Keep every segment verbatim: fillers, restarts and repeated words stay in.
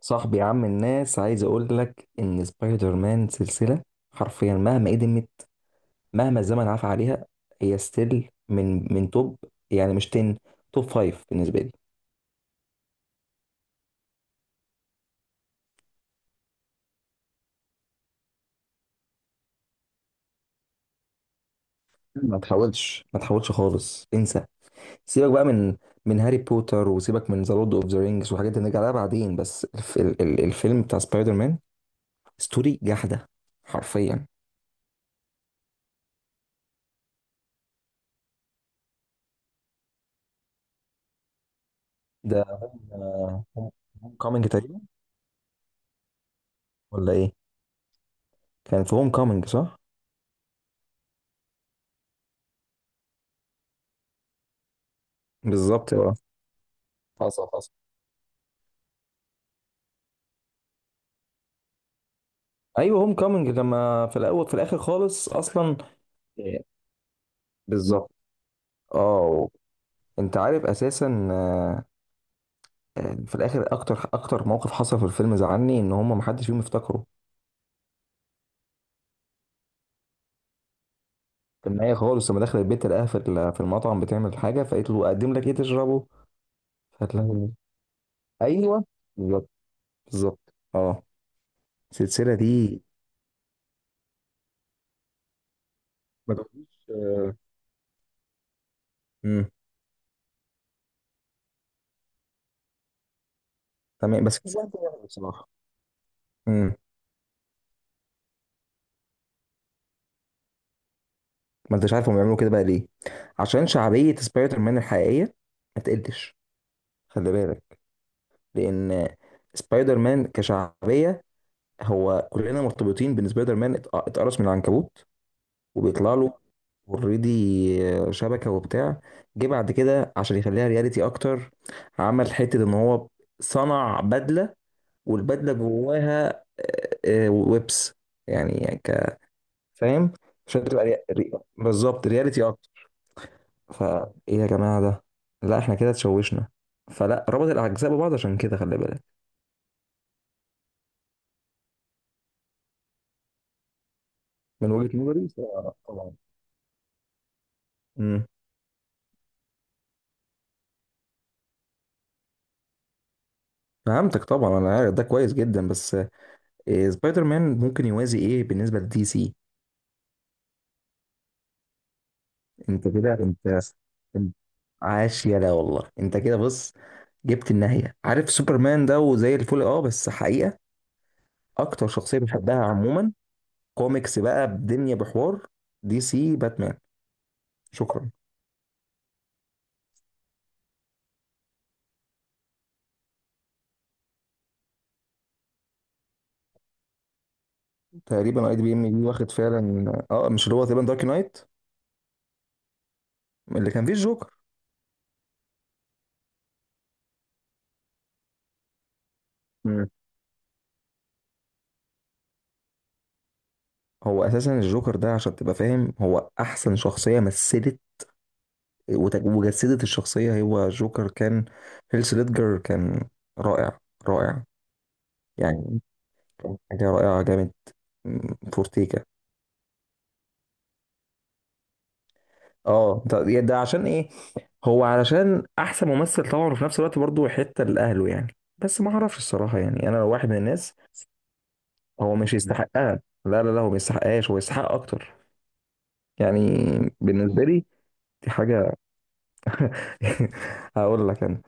صاحبي، عم الناس، عايز اقول لك ان سبايدر مان سلسله، حرفيا مهما قدمت، مهما الزمن عفى عليها، هي ستيل من من توب. يعني مش عشرة، توب خمسة بالنسبه لي. ما تحاولش، ما تحاولش خالص، انسى. سيبك بقى من من هاري بوتر، وسيبك من ذا لورد اوف ذا رينجز، وحاجات دي نرجع لها بعدين. بس الف ال ال الفيلم بتاع سبايدر مان، ستوري جحده حرفيا. ده هوم كومينج تقريبا، ولا ايه؟ كان في هوم كومينج، صح؟ بالظبط، اه. حصل. ايوه، هوم كامنج، لما في الاول، في الاخر خالص اصلا. إيه، بالظبط، اه. انت عارف اساسا، آه، آه، في الاخر اكتر اكتر موقف حصل في الفيلم زعلني ان هم محدش فيهم افتكره. في النهايه خالص، لما دخل البيت لقاها في ال- في المطعم بتعمل حاجه، فقالت له اقدم لك ايه تشربه. فتلاقي، ايوه، بالظبط. بالظبط، اه. السلسله دي. ما تقوليش. آه، امم. تمام، بس في زعل واحد بصراحه. امم ما انتش عارف هم بيعملوا كده بقى ليه؟ عشان شعبيه سبايدر مان الحقيقيه. ما تقلش، خلي بالك، لان سبايدر مان كشعبيه، هو كلنا مرتبطين بان سبايدر مان ات- اتقرص من العنكبوت، وبيطلع له اوريدي شبكه وبتاع. جه بعد كده عشان يخليها رياليتي اكتر، عمل حته ان هو صنع بدله، والبدله جواها آه، آه، ويبس. يعني ك، فاهم؟ عشان تبقى ري... ري... بالظبط رياليتي اكتر. فايه يا جماعه ده؟ لا، احنا كده اتشوشنا، فلا ربط الاجزاء ببعض، عشان كده خلي بالك. من وجهة نظري صراحة طبعا. امم فهمتك طبعا، انا عارف ده كويس جدا. بس إيه سبايدر مان ممكن يوازي ايه بالنسبه لدي سي؟ انت كده انت انت عاش، يلا والله، انت كده بص، جبت النهايه. عارف سوبرمان ده؟ وزي الفل، اه، بس حقيقه اكتر شخصيه بحبها عموما كوميكس بقى بدنيا، بحوار دي سي، باتمان. شكرا. تقريبا اي دي بي ام دي، واخد فعلا، اه، مش اللي هو تقريبا دارك نايت اللي كان فيه الجوكر. هو اساسا الجوكر ده، عشان تبقى فاهم، هو احسن شخصيه مثلت وتج- وجسدت الشخصيه، هو جوكر. كان هيلث ليدجر، كان رائع، رائع، يعني. كان حاجه رائعه، جامد. م، فورتيكا. اه، ده يا ده عشان ايه؟ هو علشان احسن ممثل طبعا، وفي نفس الوقت برضه حته لاهله يعني، بس ما اعرفش الصراحه يعني، انا لو واحد من الناس. هو مش يستحقها؟ لا لا لا، هو ما يستحقهاش، هو يستحق اكتر يعني، بالنسبه لي. دي حاجه. هقول لك انا،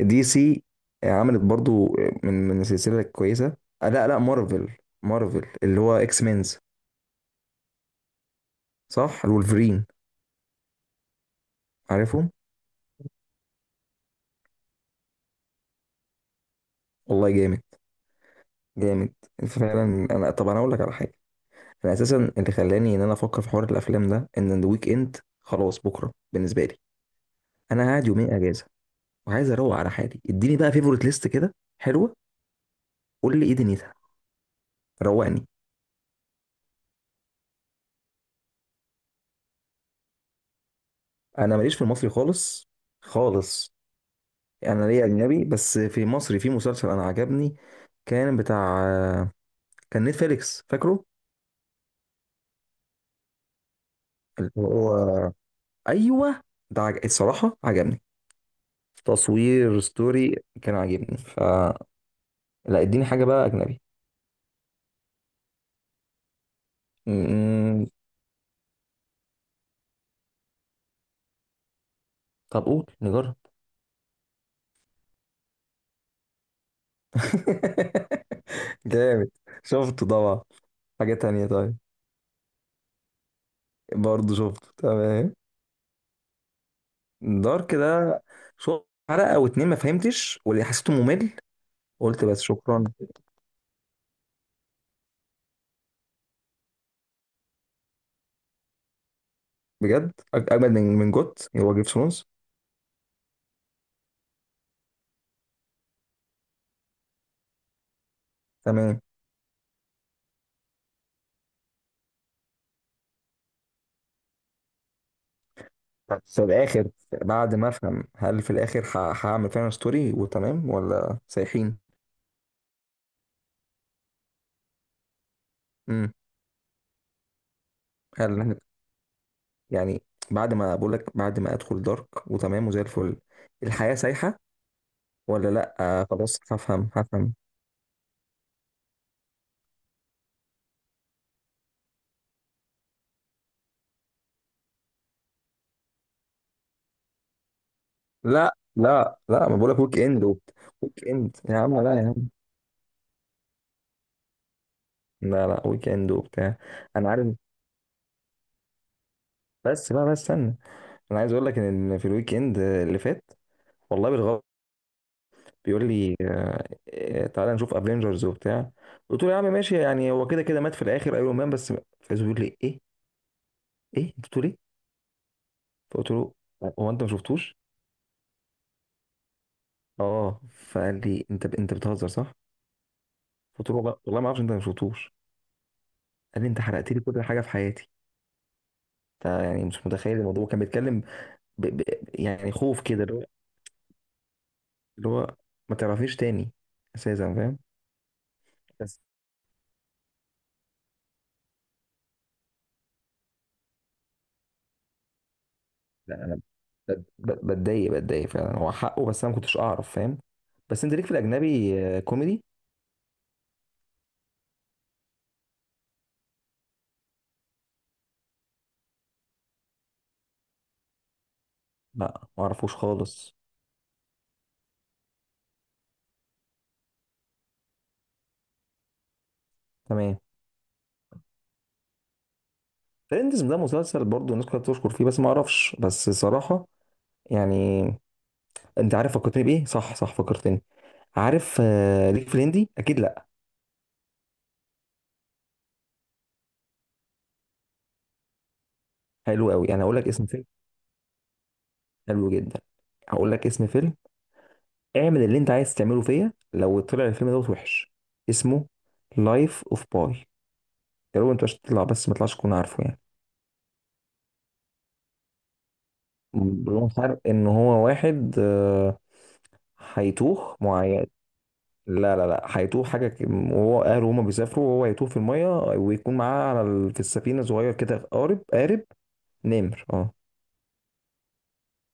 دي سي عملت برضو من من سلسلة كويسة. آه، لا لا، مارفل. مارفل اللي هو اكس مينز، صح؟ الولفرين، عارفهم. والله جامد، جامد فعلا. انا، طب انا اقول لك على حاجة. انا اساسا اللي خلاني ان انا افكر في حوار الافلام ده، ان الويك اند خلاص بكرة بالنسبة لي، انا قاعد يومين اجازة، وعايز اروق على حالي. اديني بقى فيفورت ليست كده حلوة، قول لي ايه دنيتها، روقني. انا ماليش في المصري خالص، خالص. انا ليه اجنبي، بس في مصري، في مسلسل انا عجبني، كان بتاع، كان نتفليكس، فاكره؟ اللي هو، ايوه، ده عج... الصراحه عجبني، تصوير، ستوري، كان عاجبني. ف، لا، اديني حاجه بقى اجنبي. م- طب قول نجرب. جامد، شفته طبعا. حاجه تانية طيب. برضه شفته، تمام. دار كده، شفت حلقه او اتنين ما فهمتش، واللي حسيته ممل، قلت بس شكرا. بجد أج- اجمد من من جوت هو جيف سمونز. تمام. طب في الاخر، بعد ما افهم، هل في الاخر ه- هعمل فعلا ستوري وتمام، ولا سايحين؟ امم هل يعني، بعد ما بقول لك، بعد ما ادخل دارك وتمام وزي الفل، الحياه سايحه ولا لا؟ آه خلاص، هفهم هفهم. لا لا لا، ما بقول لك ويك اند وبت- ويك اند يا عم، لا يا عم. لا لا، ويك اند وبتاع. انا عارف، بس بقى، بس استنى، انا عايز اقول لك ان، إن في الويك اند اللي فات، والله بالغلط، بيقول لي إيه، تعالى نشوف افنجرز وبتاع. قلت له يا عم ماشي، يعني هو كده كده مات في الاخر ايرون مان بس. فايز بيقول لي ايه ايه، انت بتقول ايه؟ فقلت له، هو انت ما شفتوش؟ اه. فقال لي، انت انت بتهزر، صح؟ قلت له، والله والله ما اعرفش، انت ما شفتوش؟ قال لي، انت حرقت لي كل حاجه في حياتي. انت يعني مش متخيل الموضوع، كان بيتكلم ب... ب... يعني خوف كده، اللي هو، اللي هو، ما تعرفيش تاني، اساسا، فاهم؟ بس لا، ب- ب- بتضايق، بتضايق فعلا، هو حقه، بس انا ما كنتش اعرف، فاهم؟ بس انت ليك في الاجنبي؟ آه، كوميدي. لا ما اعرفوش خالص. تمام. فريندز ده مسلسل، برضو الناس كلها بتشكر فيه، بس ما اعرفش بس صراحة، يعني. انت عارف فكرتني بايه؟ صح صح، فكرتني. عارف، آه، ليك في الهندي اكيد؟ لا، حلو قوي. يعني هقول لك اسم فيلم، حلو جدا. هقول لك اسم فيلم، اعمل اللي انت عايز تعمله فيا لو طلع الفيلم دوت وحش. اسمه لايف اوف باي. يا رب انت مش تطلع، بس ما تطلعش تكون عارفه يعني. بدون فرق، ان هو واحد، آه، هيتوه معين. لا لا لا، هيتوه حاجة ك- وهو أهله هما بيسافروا، وهو هيتوه في المية، ويكون معاه على ال... في السفينة صغير كده، قارب، قارب، نمر، اه.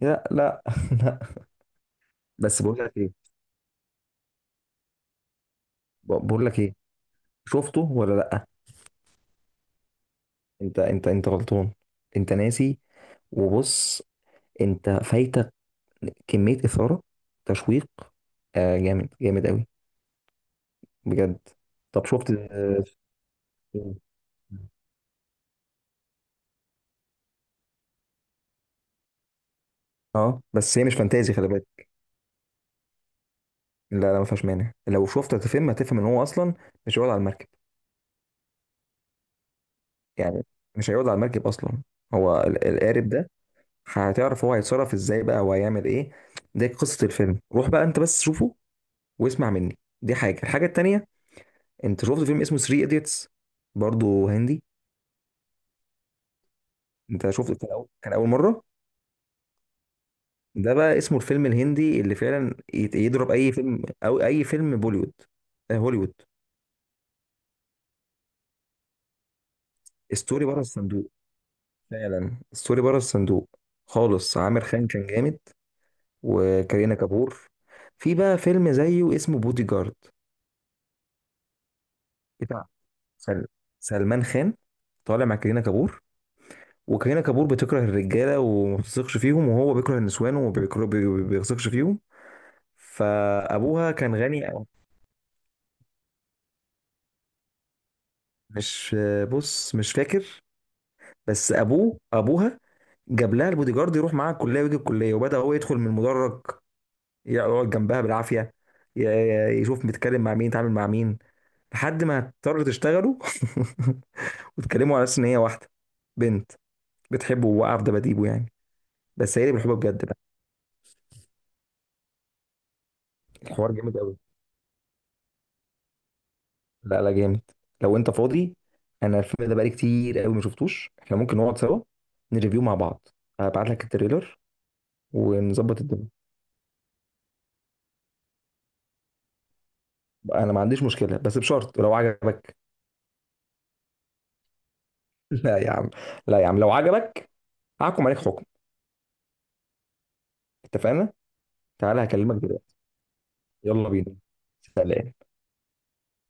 لا لا لا. بس بقول لك ايه، ب- بقول لك ايه، شفته ولا لا؟ انت انت انت غلطان، انت ناسي، وبص، انت فايتك كمية إثارة، تشويق، آه جامد، جامد قوي، بجد. طب شفت، اه. اه، بس هي مش فانتازي، خلي بالك. لا لا، ما فيهاش مانع، لو شفت الفيلم هتفهم ان هو اصلا مش هيقعد على المركب يعني، مش هيقعد على المركب اصلا. هو ال- القارب ده، هتعرف هو هيتصرف ازاي بقى وهيعمل ايه. ده قصة الفيلم، روح بقى انت بس شوفه واسمع مني. دي حاجة. الحاجة التانية، انت شفت فيلم اسمه تلاتة ايديتس؟ برضو هندي. انت شفت؟ كان اول، كان اول مرة. ده بقى اسمه الفيلم الهندي اللي فعلا يت- يضرب اي فيلم، او اي فيلم بوليوود، آه، هوليوود. ستوري بره الصندوق، فعلا ستوري بره الصندوق خالص. عامر خان كان جامد، وكارينا كابور. في بقى فيلم زيه اسمه بودي جارد، بتاع سل- سلمان خان، طالع مع كارينا كابور، وكارينا كابور بتكره الرجاله وما بتثقش فيهم، وهو بيكره النسوان وما بيكره- بي- بي- بيثقش فيهم. فابوها كان غني أو، مش، بص مش فاكر، بس ابوه ابوها جاب لها البودي جارد، يروح معاها الكليه ويجي الكليه، وبدا هو يدخل من المدرج، يقعد جنبها بالعافيه، ي- يشوف بيتكلم مع مين، يتعامل مع مين، لحد ما اضطروا تشتغلوا. بتكلموا على اساس ان هي واحده بنت بتحبه وواقعه في دباديبه يعني، بس هي اللي بتحبه بجد بقى. الحوار جامد قوي، لا لا جامد. لو انت فاضي، انا الفيلم ده بقالي كتير قوي ما شفتوش، احنا ممكن نقعد سوا نريفيو مع بعض. هبعت لك التريلر ونظبط الدنيا. انا ما عنديش مشكله، بس بشرط لو عجبك. لا يا عم، لا يا عم، لو عجبك هحكم عليك حكم. اتفقنا. تعالى هكلمك دلوقتي، يلا بينا. سلام.